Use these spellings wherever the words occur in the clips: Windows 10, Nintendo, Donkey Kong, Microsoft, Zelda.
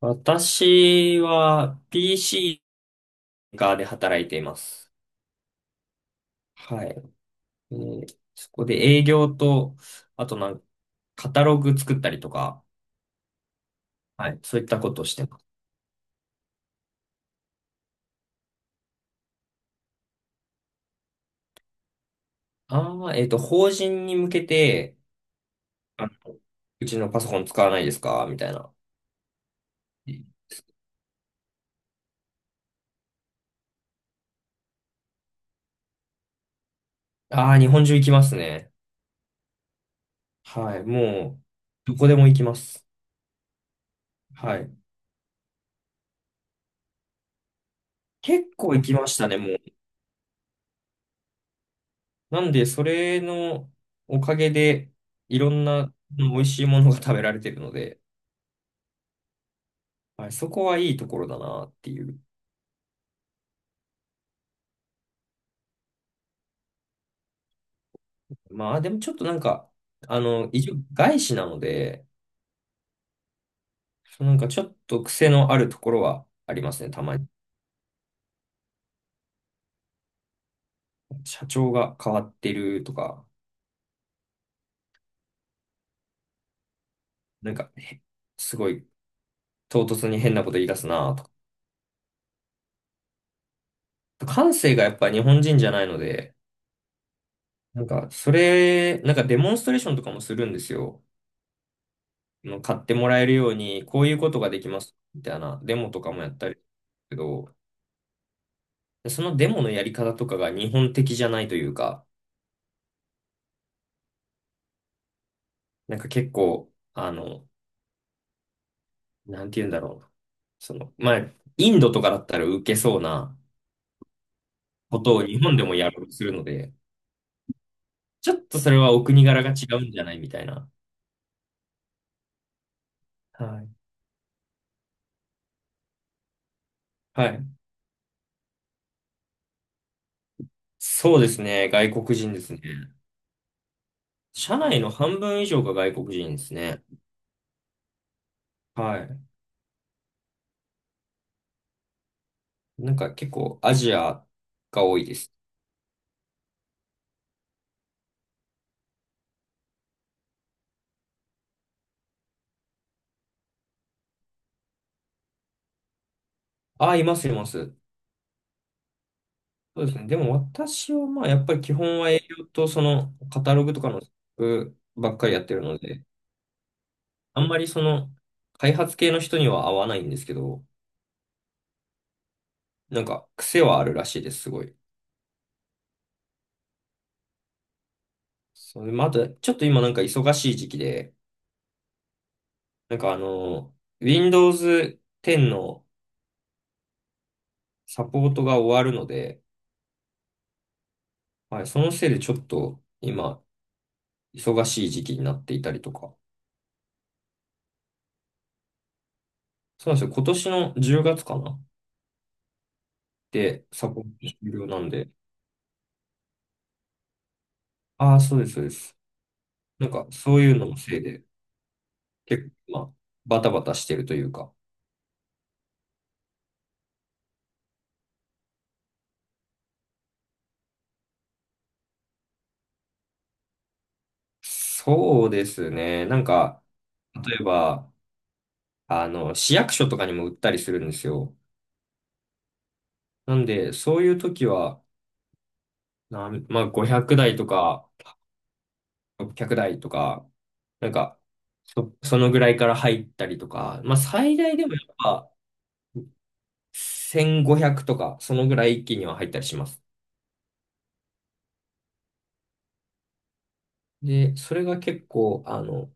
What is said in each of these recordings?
私は PC 側ーカーで働いています。はい。そこで営業と、あとなんか、カタログ作ったりとか。はい、そういったことをしてます。法人に向けて、あのうちのパソコン使わないですかみたいな。ああ、日本中行きますね。はい、もうどこでも行きます。はい、結構行きましたね。なんで、それのおかげで、いろんなうん美味しいものが食べられてるので、はい、そこはいいところだなっていう。まあ、でもちょっとなんか、あの、一応外資なので、そうなんかちょっと癖のあるところはありますね、たまに。社長が変わってるとか、なんか、へすごい唐突に変なこと言い出すなとか。感性がやっぱ日本人じゃないので、なんか、なんかデモンストレーションとかもするんですよ。買ってもらえるように、こういうことができます、みたいなデモとかもやったりするけど、そのデモのやり方とかが日本的じゃないというか、なんか結構、あの、なんて言うんだろうな。その、まあ、インドとかだったら受けそうなことを日本でもやろうとするので、ちょっとそれはお国柄が違うんじゃないみたいな。はい。はい、そうですね。外国人ですね。社内の半分以上が外国人ですね。はい。なんか結構アジアが多いです。あ、います、います。そうですね。でも私はまあやっぱり基本は営業とそのカタログとかの企画ばっかりやってるので、あんまりその開発系の人には合わないんですけど、なんか癖はあるらしいです、すごい。そう、まあ、あとちょっと今なんか忙しい時期で、なんかあの、Windows 10のサポートが終わるので、はい、そのせいでちょっと今忙しい時期になっていたりとか。そうなんですよ。今年の10月かな、で、サポート終了なんで。ああ、そうです、そうです。なんか、そういうののせいで、結構、まあ、バタバタしてるというか。そうですね。なんか、例えば、あの、市役所とかにも売ったりするんですよ。なんで、そういう時は、まあ、500台とか、600台とか、なんか、そのぐらいから入ったりとか、まあ、最大でもやっぱ1500とか、そのぐらい一気には入ったりします。で、それが結構、あの、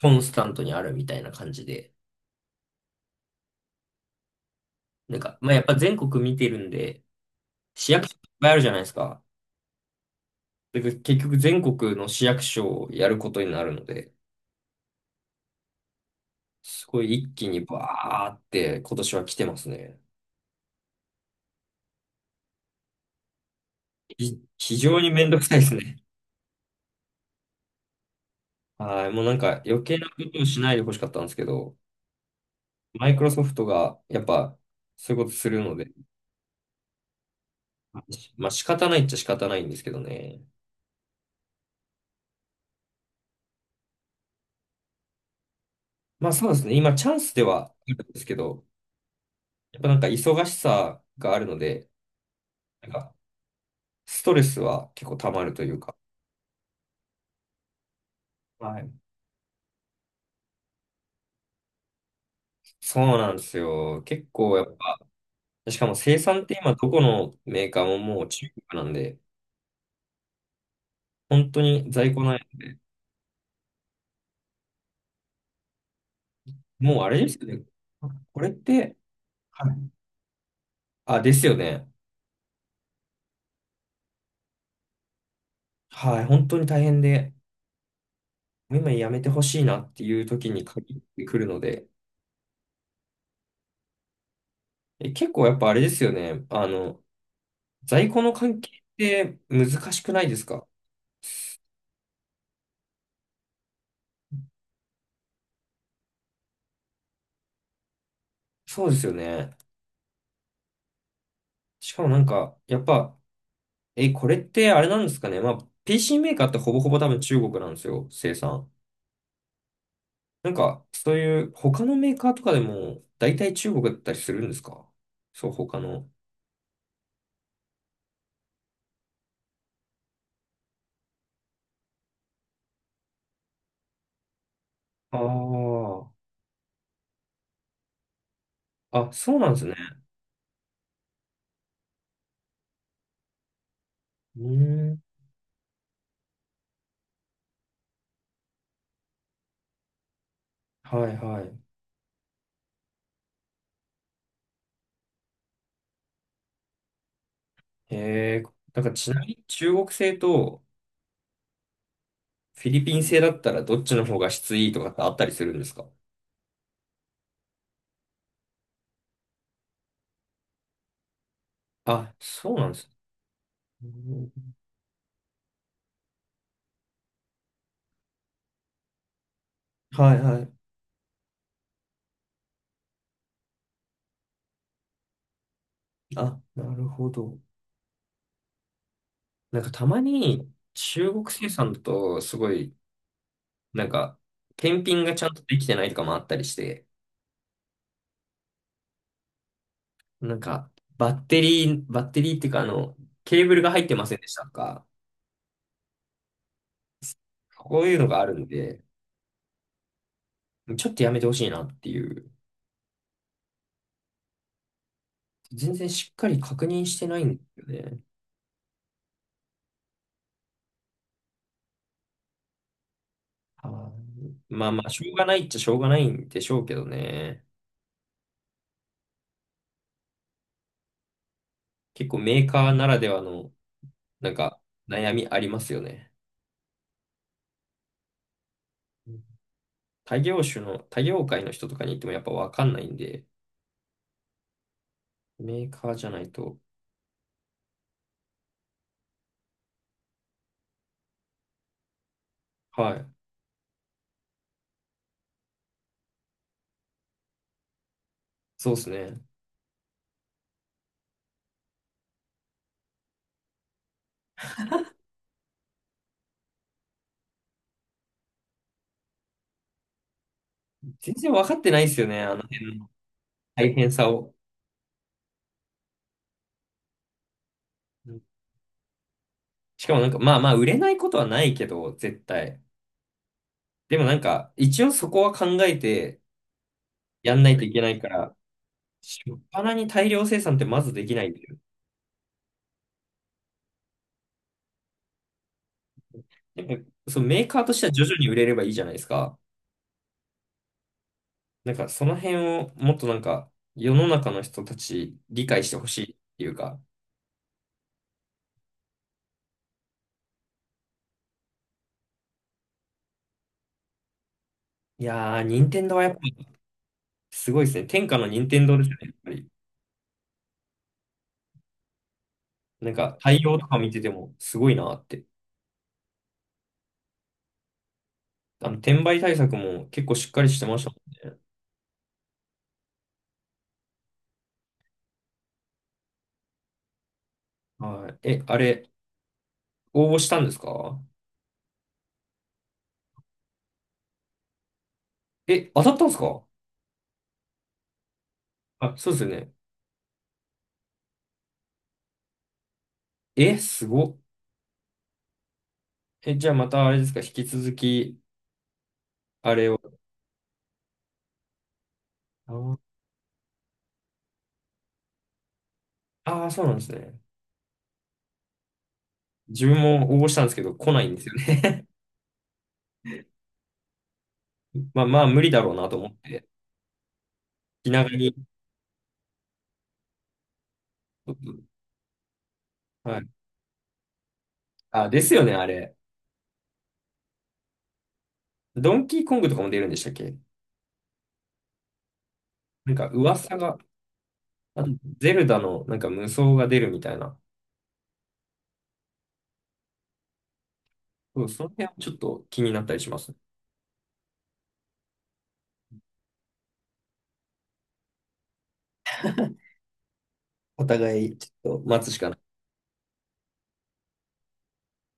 コンスタントにあるみたいな感じで、なんか、まあ、やっぱ全国見てるんで、市役所いっぱいあるじゃないですか。で、結局全国の市役所をやることになるので、すごい一気にバーって今年は来てますね。非常にめんどくさいですね。はい、もうなんか余計なことをしないでほしかったんですけど、マイクロソフトがやっぱそういうことするので、まあ仕方ないっちゃ仕方ないんですけどね。まあそうですね、今チャンスではあるんですけど、やっぱなんか忙しさがあるので、なんかストレスは結構溜まるというか。はい。そうなんですよ。結構やっぱ、しかも生産って今どこのメーカーももう中国なんで、本当に在庫ない。もうあれですよね、これって。はい。あ、ですよね。はい、本当に大変で、もう今やめてほしいなっていう時に限ってくるので、え、結構やっぱあれですよね。あの、在庫の関係って難しくないですか？そうですよね。しかもなんか、やっぱ、え、これってあれなんですかね。まあ、PC メーカーってほぼほぼ多分中国なんですよ、生産。なんか、そういう他のメーカーとかでも大体中国だったりするんですか？そう、他の。ああ、あ、そうなんですね。うーん。はいはい。へえー、なんかちなみに中国製とフィリピン製だったらどっちの方が質いいとかってあったりするんですか？あ、そうなんです。うん。はいはい。あ、なるほど。なんかたまに中国生産だとすごいなんか、検品がちゃんとできてないとかもあったりして、なんか、バッテリーっていうか、あの、ケーブルが入ってませんでしたとか、こういうのがあるんで、ちょっとやめてほしいなっていう。全然しっかり確認してないんですよね。はい、まあまあ、しょうがないっちゃしょうがないんでしょうけどね。結構メーカーならではの、なんか、悩みありますよね。他業種の、他業界の人とかに行ってもやっぱわかんないんで、メーカーじゃないと。はい、そうですね。全然分かってないですよね、あの辺の大変さを。うん、しかもなんか、まあまあ、売れないことはないけど、絶対。でもなんか、一応そこは考えてやんないといけないから、しょっぱなに大量生産ってまずできないんだよ。なんか、そのメーカーとしては徐々に売れればいいじゃないですか。なんか、その辺をもっとなんか、世の中の人たち理解してほしいっていうか。いやー、任天堂はやっぱりすごいですね。天下の任天堂ですよね、やっぱり。なんか、対応とか見ててもすごいなって。あの、転売対策も結構しっかりしてましたもんね。はい。え、あれ、応募したんですか？え、当たったんですか？あ、そうですよね。え、すごっ。え、じゃあまたあれですか、引き続きあれを。ああー、そうなんですね。自分も応募したんですけど、来ないんですよね。まあまあ、無理だろうなと思って、気長に。はい。あ、ですよね、あれ。ドンキーコングとかも出るんでしたっけ？なんか噂が、あとゼルダのなんか無双が出るみたいな。そう、その辺はちょっと気になったりします。お互い、ちょっと待つしか